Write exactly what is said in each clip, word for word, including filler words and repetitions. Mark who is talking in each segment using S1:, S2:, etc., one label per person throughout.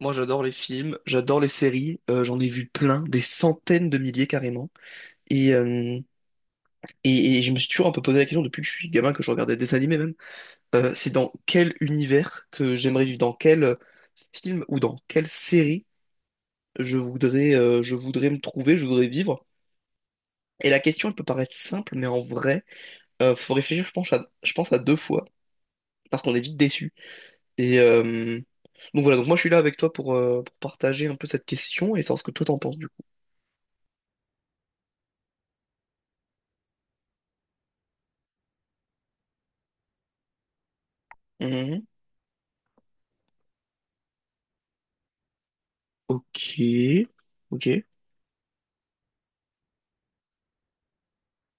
S1: Moi, j'adore les films, j'adore les séries, euh, j'en ai vu plein, des centaines de milliers carrément. Et, euh, et, et je me suis toujours un peu posé la question depuis que je suis gamin, que je regardais des dessins animés même. Euh, c'est dans quel univers que j'aimerais vivre, dans quel euh, film ou dans quelle série je voudrais, euh, je voudrais me trouver, je voudrais vivre. Et la question, elle peut paraître simple, mais en vrai, euh, faut réfléchir, je pense, à, je pense à deux fois, parce qu'on est vite déçu. Et euh, donc voilà, donc moi je suis là avec toi pour, euh, pour partager un peu cette question et savoir ce que toi t'en penses du coup. Mhm. Ok, ok,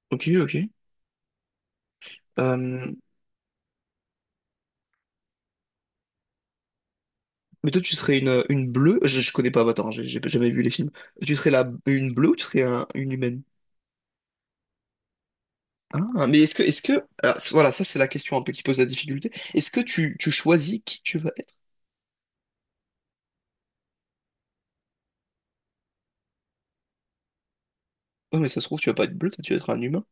S1: ok, ok. Euh, mais toi, tu serais une, une bleue? Je, je connais pas Avatar, hein, j'ai j'ai jamais vu les films. Tu serais la, une bleue ou tu serais un- une humaine? Ah, mais est-ce que, est-ce que, alors, c- voilà, ça c'est la question un peu qui pose la difficulté. Est-ce que tu, tu choisis qui tu vas être? Non, mais ça se trouve, tu vas pas être bleu, toi, tu vas être un humain.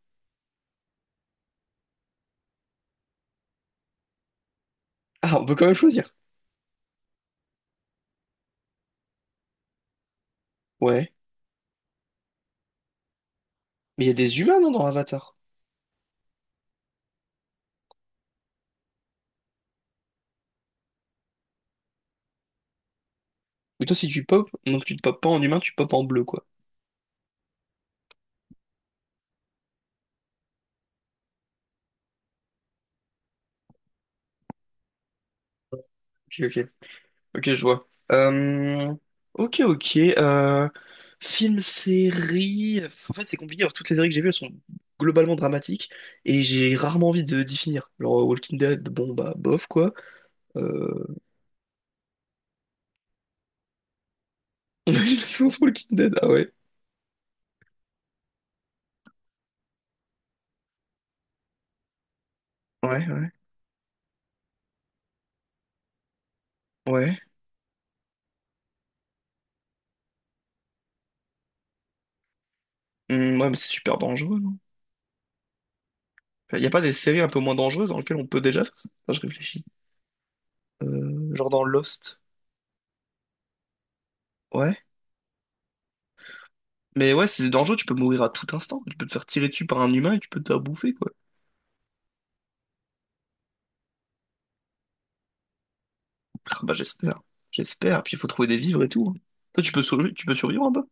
S1: Ah, on peut quand même choisir. Ouais. Mais il y a des humains, non, dans Avatar? Mais toi, si tu pop, donc tu te popes pas en humain, tu popes en bleu, quoi. Ok, ok. Ok, je vois. Euh, ok, ok. Euh, film, série. En fait, c'est compliqué. Alors, toutes les séries que j'ai vues, elles sont globalement dramatiques et j'ai rarement envie de d'y finir. Genre, euh, Walking Dead, bon, bah, bof, quoi. Euh... On a vu la séquence Walking Dead, ah ouais. Ouais, ouais. Ouais. Hum, ouais, mais c'est super dangereux, non? Il n'y a pas des séries un peu moins dangereuses dans lesquelles on peut déjà faire ça? Enfin, je réfléchis. Euh, genre dans Lost. Ouais. Mais ouais, c'est dangereux, tu peux mourir à tout instant. Tu peux te faire tirer dessus par un humain et tu peux te faire bouffer, quoi. Ah bah j'espère, j'espère. Puis il faut trouver des vivres et tout. Hein. Toi, tu peux survivre, tu peux survivre en bas.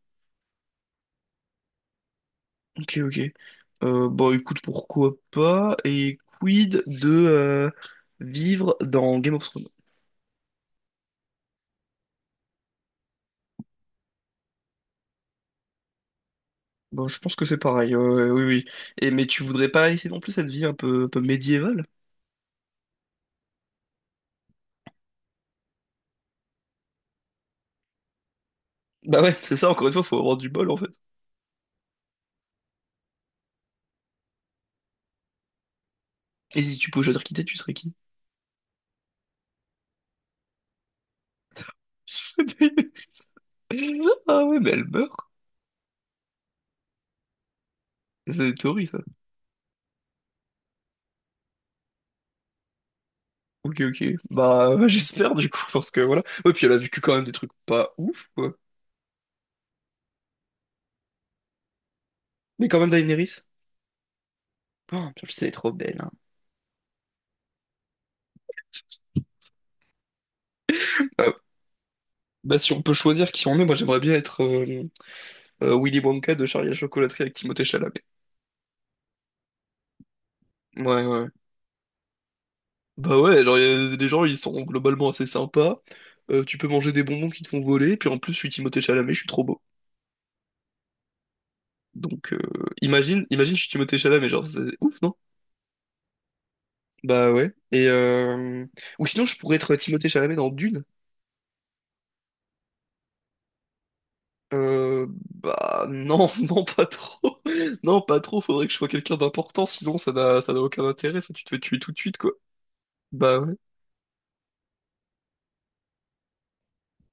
S1: Ok, ok. Euh, bon, écoute, pourquoi pas? Et quid de euh, vivre dans Game of Thrones? Bon, je pense que c'est pareil, euh, oui, oui. Et, mais tu voudrais pas essayer non plus cette vie un peu, un peu médiévale? Bah ouais, c'est ça, encore une fois, faut avoir du bol en fait. Et si tu pouvais choisir qui t'es, tu serais qui? Ah ouais, mais elle meurt. C'est une théorie, ça. Ok, ok. Bah, j'espère du coup, parce que voilà. Ouais, puis elle a vécu quand même des trucs pas ouf, quoi. Mais quand même, Daenerys. Oh, putain, elle est trop belle. Hein. Euh, Bah, si on peut choisir qui on est, moi j'aimerais bien être euh, euh, Willy Wonka de Charlie et la chocolaterie avec Timothée Chalamet. Ouais, ouais. Bah, ouais, genre, y a- les gens ils sont globalement assez sympas. Euh, tu peux manger des bonbons qui te font voler, puis en plus, je suis Timothée Chalamet, je suis trop beau. Donc, euh, imagine, imagine, je suis Timothée Chalamet, genre, c'est ouf, non? Bah, ouais. Et, euh, Ou sinon, je pourrais être Timothée Chalamet dans Dune. Euh, Bah non, non pas trop. Non, pas trop, faudrait que je sois quelqu'un d'important, sinon ça n'a ça n'a aucun intérêt, enfin, tu te fais tuer tout de suite quoi. Bah ouais.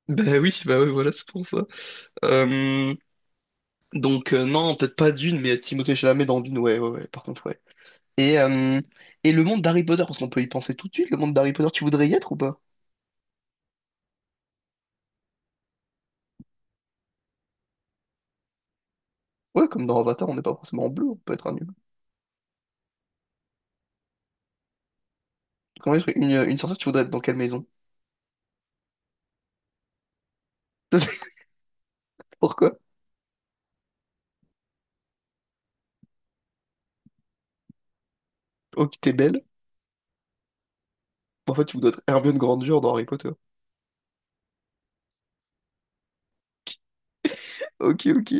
S1: Bah oui, bah ouais, voilà, c'est pour ça. Euh, donc euh, non, peut-être pas Dune, mais Timothée Chalamet dans Dune, ouais, ouais, ouais, par contre, ouais. Et, euh, et le monde d'Harry Potter, parce qu'on peut y penser tout de suite, le monde d'Harry Potter, tu voudrais y être ou pas? Ouais, comme dans Avatar, on n'est pas forcément en bleu, on peut être un humain. Comment être une, une sorcière, tu voudrais être dans quelle maison? Pourquoi? Oh, t'es belle. En fait, tu voudrais être Hermione Granger dans Harry Potter. Ok, ok.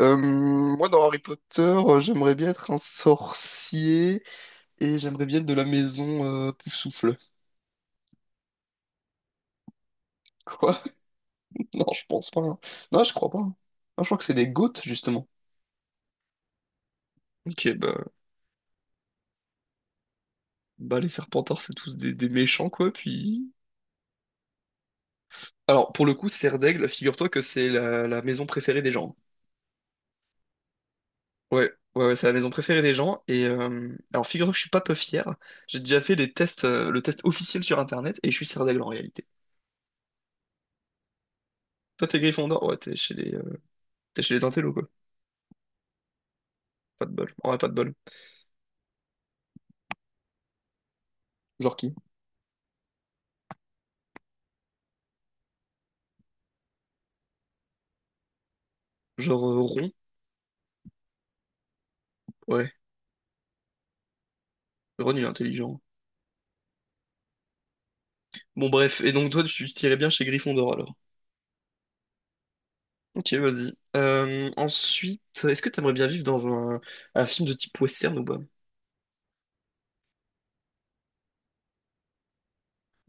S1: Euh, moi, dans Harry Potter, euh, j'aimerais bien être un sorcier et j'aimerais bien être de la maison euh, Poufsouffle. Quoi? Non, je pense pas. Hein. Non, je crois pas. Hein. Non, je crois que c'est des Goths, justement. Ok, bah, bah les Serpentards, c'est tous des, des méchants, quoi, puis... Alors, pour le coup, Serre d'Aigle, figure-toi que c'est la, la maison préférée des gens. Ouais, ouais, ouais, c'est la maison préférée des gens, et... euh, Alors, figure-toi que je suis pas peu fier, j'ai déjà fait les tests, euh, le test officiel sur Internet, et je suis Serre d'Aigle en réalité. Toi, t'es Gryffondor? Ouais, t'es chez les... t'es chez les intellos, quoi. Pas de bol. En vrai, pas de bol. Genre qui? Genre euh, Ron? Ouais. Ron, il est intelligent. Bon, bref. Et donc, toi, tu tirais bien chez Gryffondor, alors. Ok, vas-y. Euh, ensuite, est-ce que t'aimerais bien vivre dans un, un film de type western ou pas?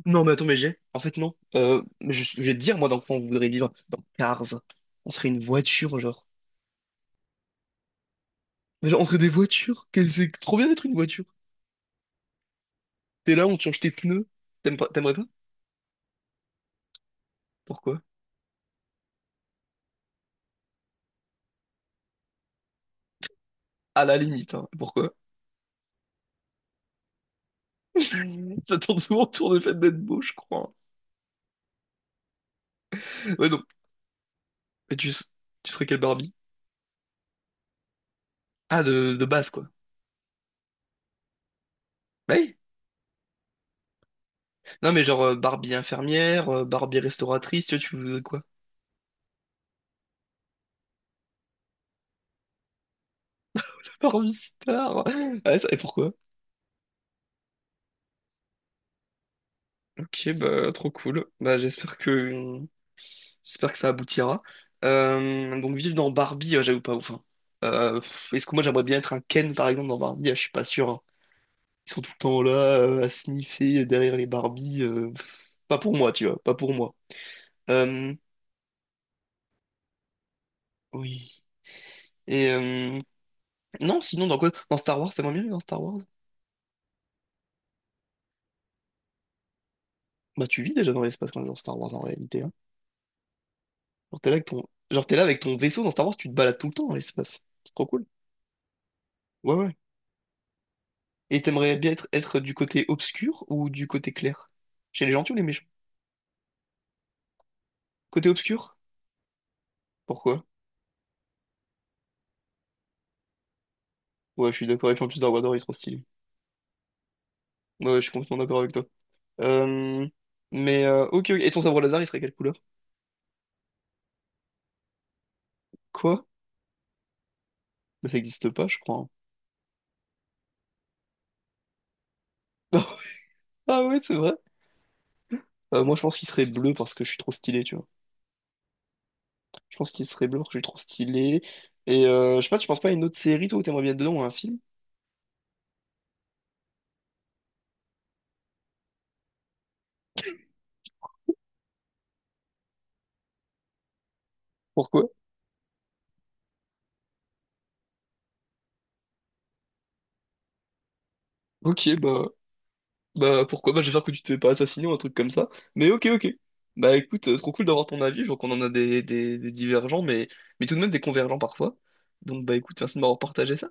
S1: Non, mais attends, mais j'ai. En fait, non. Euh, mais je, je vais te dire, moi, dans quoi on voudrait vivre. Dans Cars. On serait une voiture, genre. Mais genre, on serait des voitures. Qu'est-ce que C'est trop bien d'être une voiture. T'es là, on te change tes pneus. T'aimes pas- T'aimerais pas? Pourquoi? À la limite, hein. Pourquoi? Ça tourne souvent autour du fait d'être beau, je crois. Ouais. Mais tu, s- tu serais quelle Barbie? Ah, de, de base, quoi. Bah oui. Non, mais genre euh, Barbie infirmière, euh, Barbie restauratrice, tu vois, tu veux quoi? Barbie star. Ah, ça, et pourquoi? Ok, bah, trop cool. Bah, j'espère que, j'espère que ça aboutira. Euh, donc, vivre dans Barbie, euh, j'avoue pas ouf. Hein. Euh, pff, est-ce que moi, j'aimerais bien être un Ken, par exemple, dans Barbie? Ah, je suis pas sûr. Hein. Ils sont tout le temps là, euh, à sniffer derrière les Barbies. Euh, pff, pas pour moi, tu vois, pas pour moi. Euh, oui. Et euh, Non, sinon, dans quoi? Dans Star Wars, t'es moins bien que dans Star Wars? Bah, tu vis déjà dans l'espace quand même dans Star Wars en réalité. Hein. Genre, t'es là avec ton... Genre, t'es là avec ton vaisseau dans Star Wars, tu te balades tout le temps dans l'espace. C'est trop cool. Ouais, ouais. Et t'aimerais bien être, être du côté obscur ou du côté clair? Chez les gentils ou les méchants? Côté obscur? Pourquoi? Ouais, je suis d'accord. Et puis en plus, Dark Vador, il est trop stylé. Ouais, ouais, je suis complètement d'accord avec toi. Euh... Mais, euh, ok, ok. Et ton sabre laser, il serait quelle couleur? Quoi? Bah, ça existe pas, je crois. Hein. Ah ouais, c'est vrai. Euh, moi, je pense qu'il serait bleu parce que je suis trop stylé, tu vois. Je pense qu'il serait blanc, parce que je suis trop stylé. Et euh, je sais pas, tu penses pas à une autre série, toi, où t'aimerais bien être dedans ou à un film? Pourquoi? Ok, bah, bah pourquoi? Bah, j'espère que tu te fais pas assassiner ou un truc comme ça. Mais ok, ok. Bah écoute, euh, trop cool d'avoir ton avis. Je vois qu'on en a des, des, des divergents, mais, mais tout de même des convergents parfois. Donc bah écoute, merci de m'avoir partagé ça.